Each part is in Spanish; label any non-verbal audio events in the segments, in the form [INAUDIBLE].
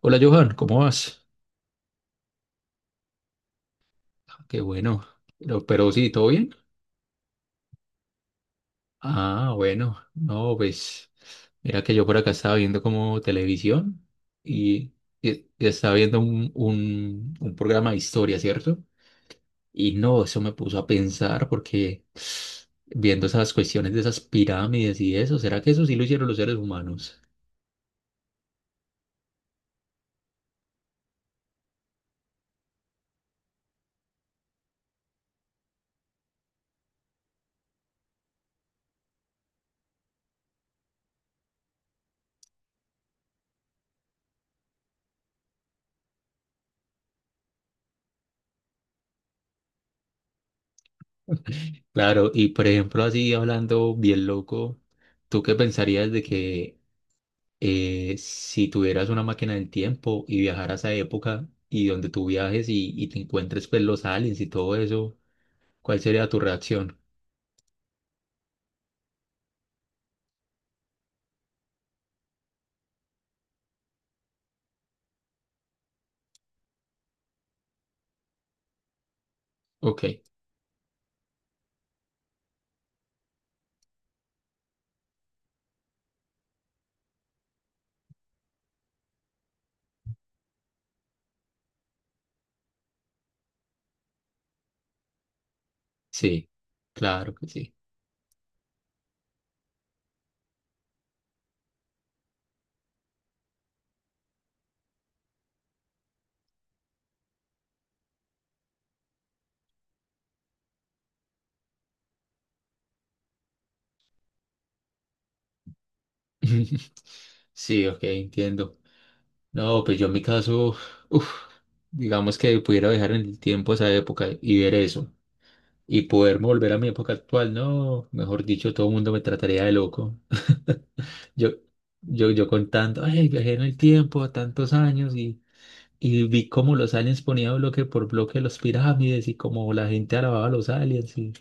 Hola Johan, ¿cómo vas? Ah, qué bueno. Pero sí, ¿todo bien? Ah, bueno. No, pues mira que yo por acá estaba viendo como televisión y, y estaba viendo un programa de historia, ¿cierto? Y no, eso me puso a pensar porque viendo esas cuestiones de esas pirámides y eso, ¿será que eso sí lo hicieron los seres humanos? Claro, y por ejemplo, así hablando bien loco, ¿tú qué pensarías de que si tuvieras una máquina del tiempo y viajaras a esa época y donde tú viajes y te encuentres pues los aliens y todo eso, ¿cuál sería tu reacción? Ok, sí, claro que sí. [LAUGHS] Sí, ok, entiendo. No, pues yo en mi caso, uf, digamos que pudiera viajar en el tiempo a esa época y ver eso. Y poderme volver a mi época actual, no, mejor dicho, todo el mundo me trataría de loco. [LAUGHS] Yo, yo contando ay, viajé en el tiempo a tantos años y vi cómo los aliens ponían bloque por bloque los pirámides y cómo la gente alababa a los aliens. Y-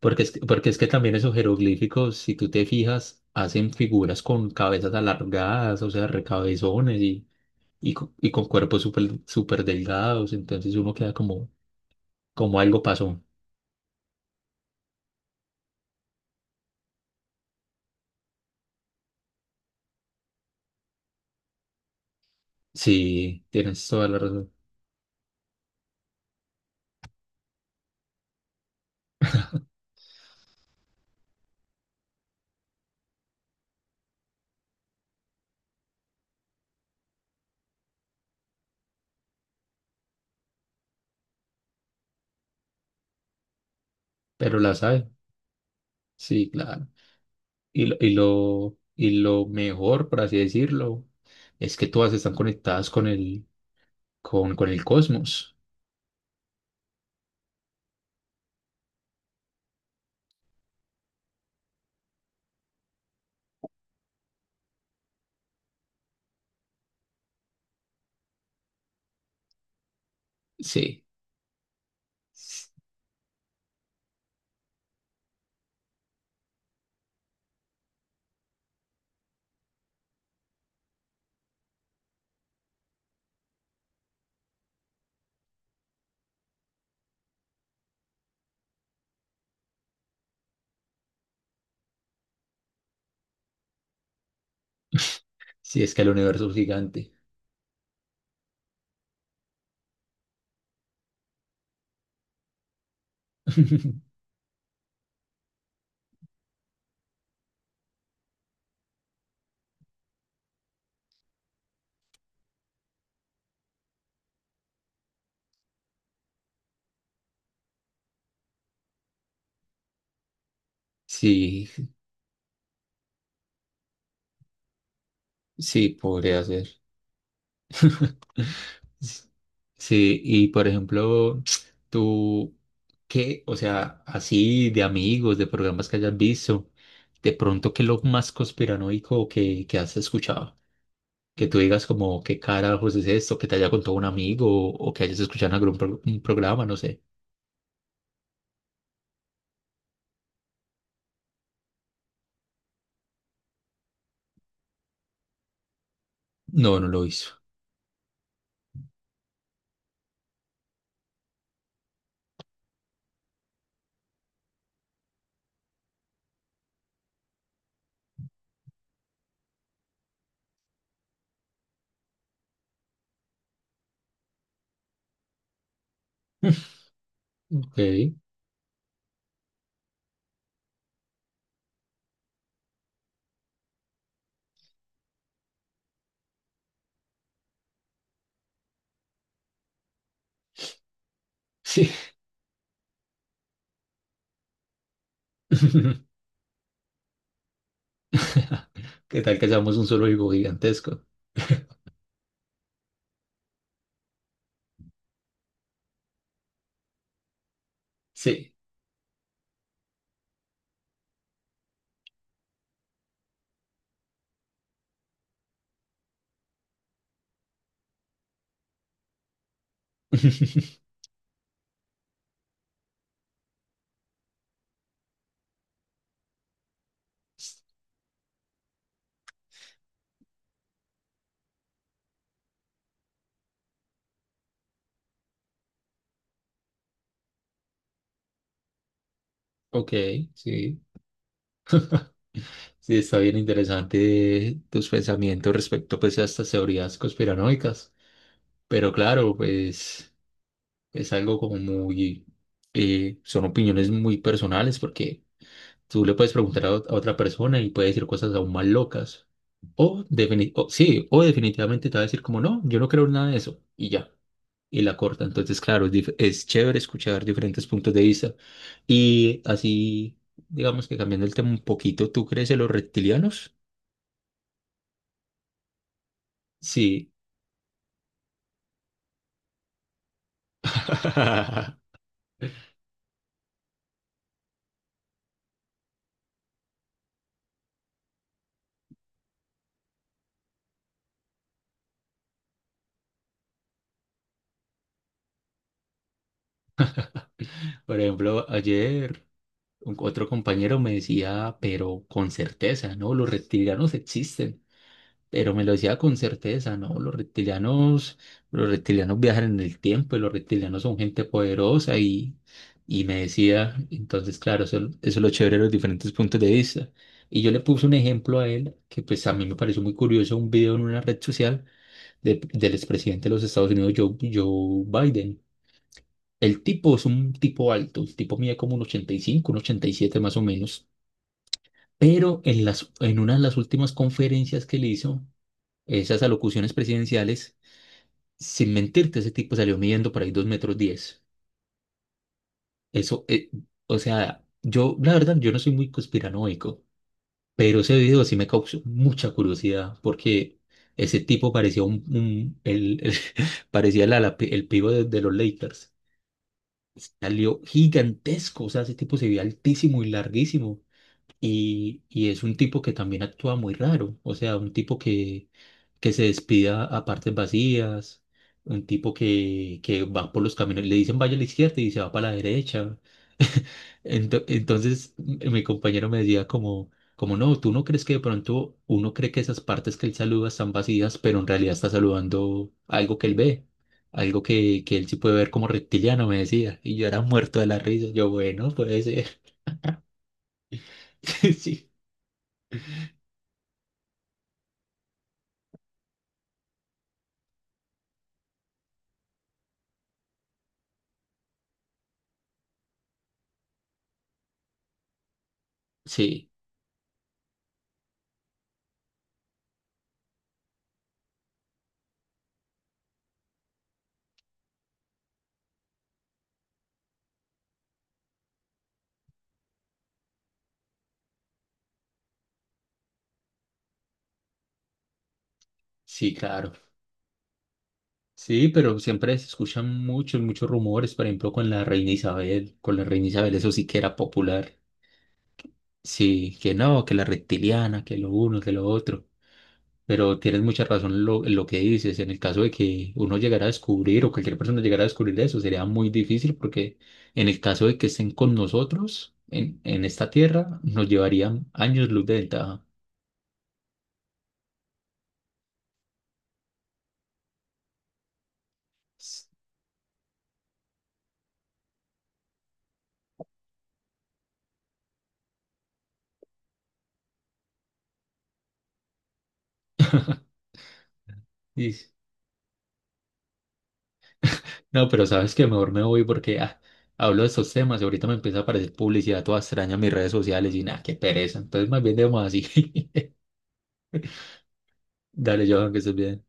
Porque es que también esos jeroglíficos, si tú te fijas, hacen figuras con cabezas alargadas, o sea, recabezones y, y con cuerpos súper súper delgados. Entonces uno queda como, como algo pasó. Sí, tienes toda la razón. Pero la sabe. Sí, claro. Y lo mejor, por así decirlo, es que todas están conectadas con el cosmos. Sí, [LAUGHS] sí, es que el universo es gigante. [LAUGHS] Sí, sí, podría ser. S- Sí, y por ejemplo, [TSK] tú, ¿qué? O sea, así de amigos, de programas que hayas visto, de pronto, ¿qué es lo más conspiranoico que has escuchado? Que tú digas como, ¿qué carajos es esto? Que te haya contado un amigo o que hayas escuchado en algún pro- un programa, no sé. No, no lo hizo. Ok, sí. [LAUGHS] [LAUGHS] ¿Qué tal que seamos un zoológico gigantesco? Sí. [LAUGHS] Ok, sí. Sí, está bien interesante tus pensamientos respecto pues a estas teorías conspiranoicas. Pero claro, pues es algo como muy... son opiniones muy personales porque tú le puedes preguntar a, ot- a otra persona y puede decir cosas aún más locas. O, defini- o- sí, o definitivamente te va a decir como no, yo no creo en nada de eso y ya. Y la corta. Entonces, claro, es, dif- es chévere escuchar diferentes puntos de vista. Y así, digamos que cambiando el tema un poquito, ¿tú crees en los reptilianos? Sí. [LAUGHS] Por ejemplo, ayer un- otro compañero me decía, pero con certeza, ¿no? Los reptilianos existen. Pero me lo decía con certeza, ¿no? Los reptilianos viajan en el tiempo y los reptilianos son gente poderosa y me decía, entonces, claro, eso es lo chévere de los diferentes puntos de vista. Y yo le puse un ejemplo a él que pues a mí me pareció muy curioso, un video en una red social de- del expresidente de los Estados Unidos, Joe Biden. El tipo es un tipo alto, el tipo mide como un 85, un 87 más o menos. Pero en las, en una de las últimas conferencias que le hizo, esas alocuciones presidenciales, sin mentirte, ese tipo salió midiendo por ahí 2,10 metros. Eso, o sea, yo, la verdad, yo no soy muy conspiranoico, pero ese video sí me causó mucha curiosidad porque ese tipo parecía un- el- [LAUGHS] parecía el, ala- el pivo de los Lakers. Salió gigantesco, o sea, ese tipo se veía altísimo y larguísimo. Y es un tipo que también actúa muy raro, o sea, un tipo que se despida a partes vacías, un tipo que va por los caminos, le dicen vaya a la izquierda y se va para la derecha. Ento- entonces m- mi compañero me decía como, como no, tú no crees que de pronto uno cree que esas partes que él saluda están vacías, pero en realidad está saludando algo que él ve, algo que él sí puede ver como reptiliano, me decía. Y yo era muerto de la risa, yo bueno, puede ser. [LAUGHS] Sí, sí, sí, claro. Sí, pero siempre se escuchan muchos, muchos rumores, por ejemplo, con la reina Isabel, con la reina Isabel, eso sí que era popular. Sí, que no, que la reptiliana, que lo uno, que lo otro. Pero tienes mucha razón en lo que dices. En el caso de que uno llegara a descubrir o cualquier persona llegara a descubrir eso, sería muy difícil porque en el caso de que estén con nosotros en esta tierra, nos llevarían años luz de ventaja. [LAUGHS] Sí. No, pero sabes que mejor me voy porque ah, hablo de estos temas y ahorita me empieza a aparecer publicidad toda extraña en mis redes sociales y nada, qué pereza. Entonces más bien debemos así. [LAUGHS] Dale, Johan, que estés bien.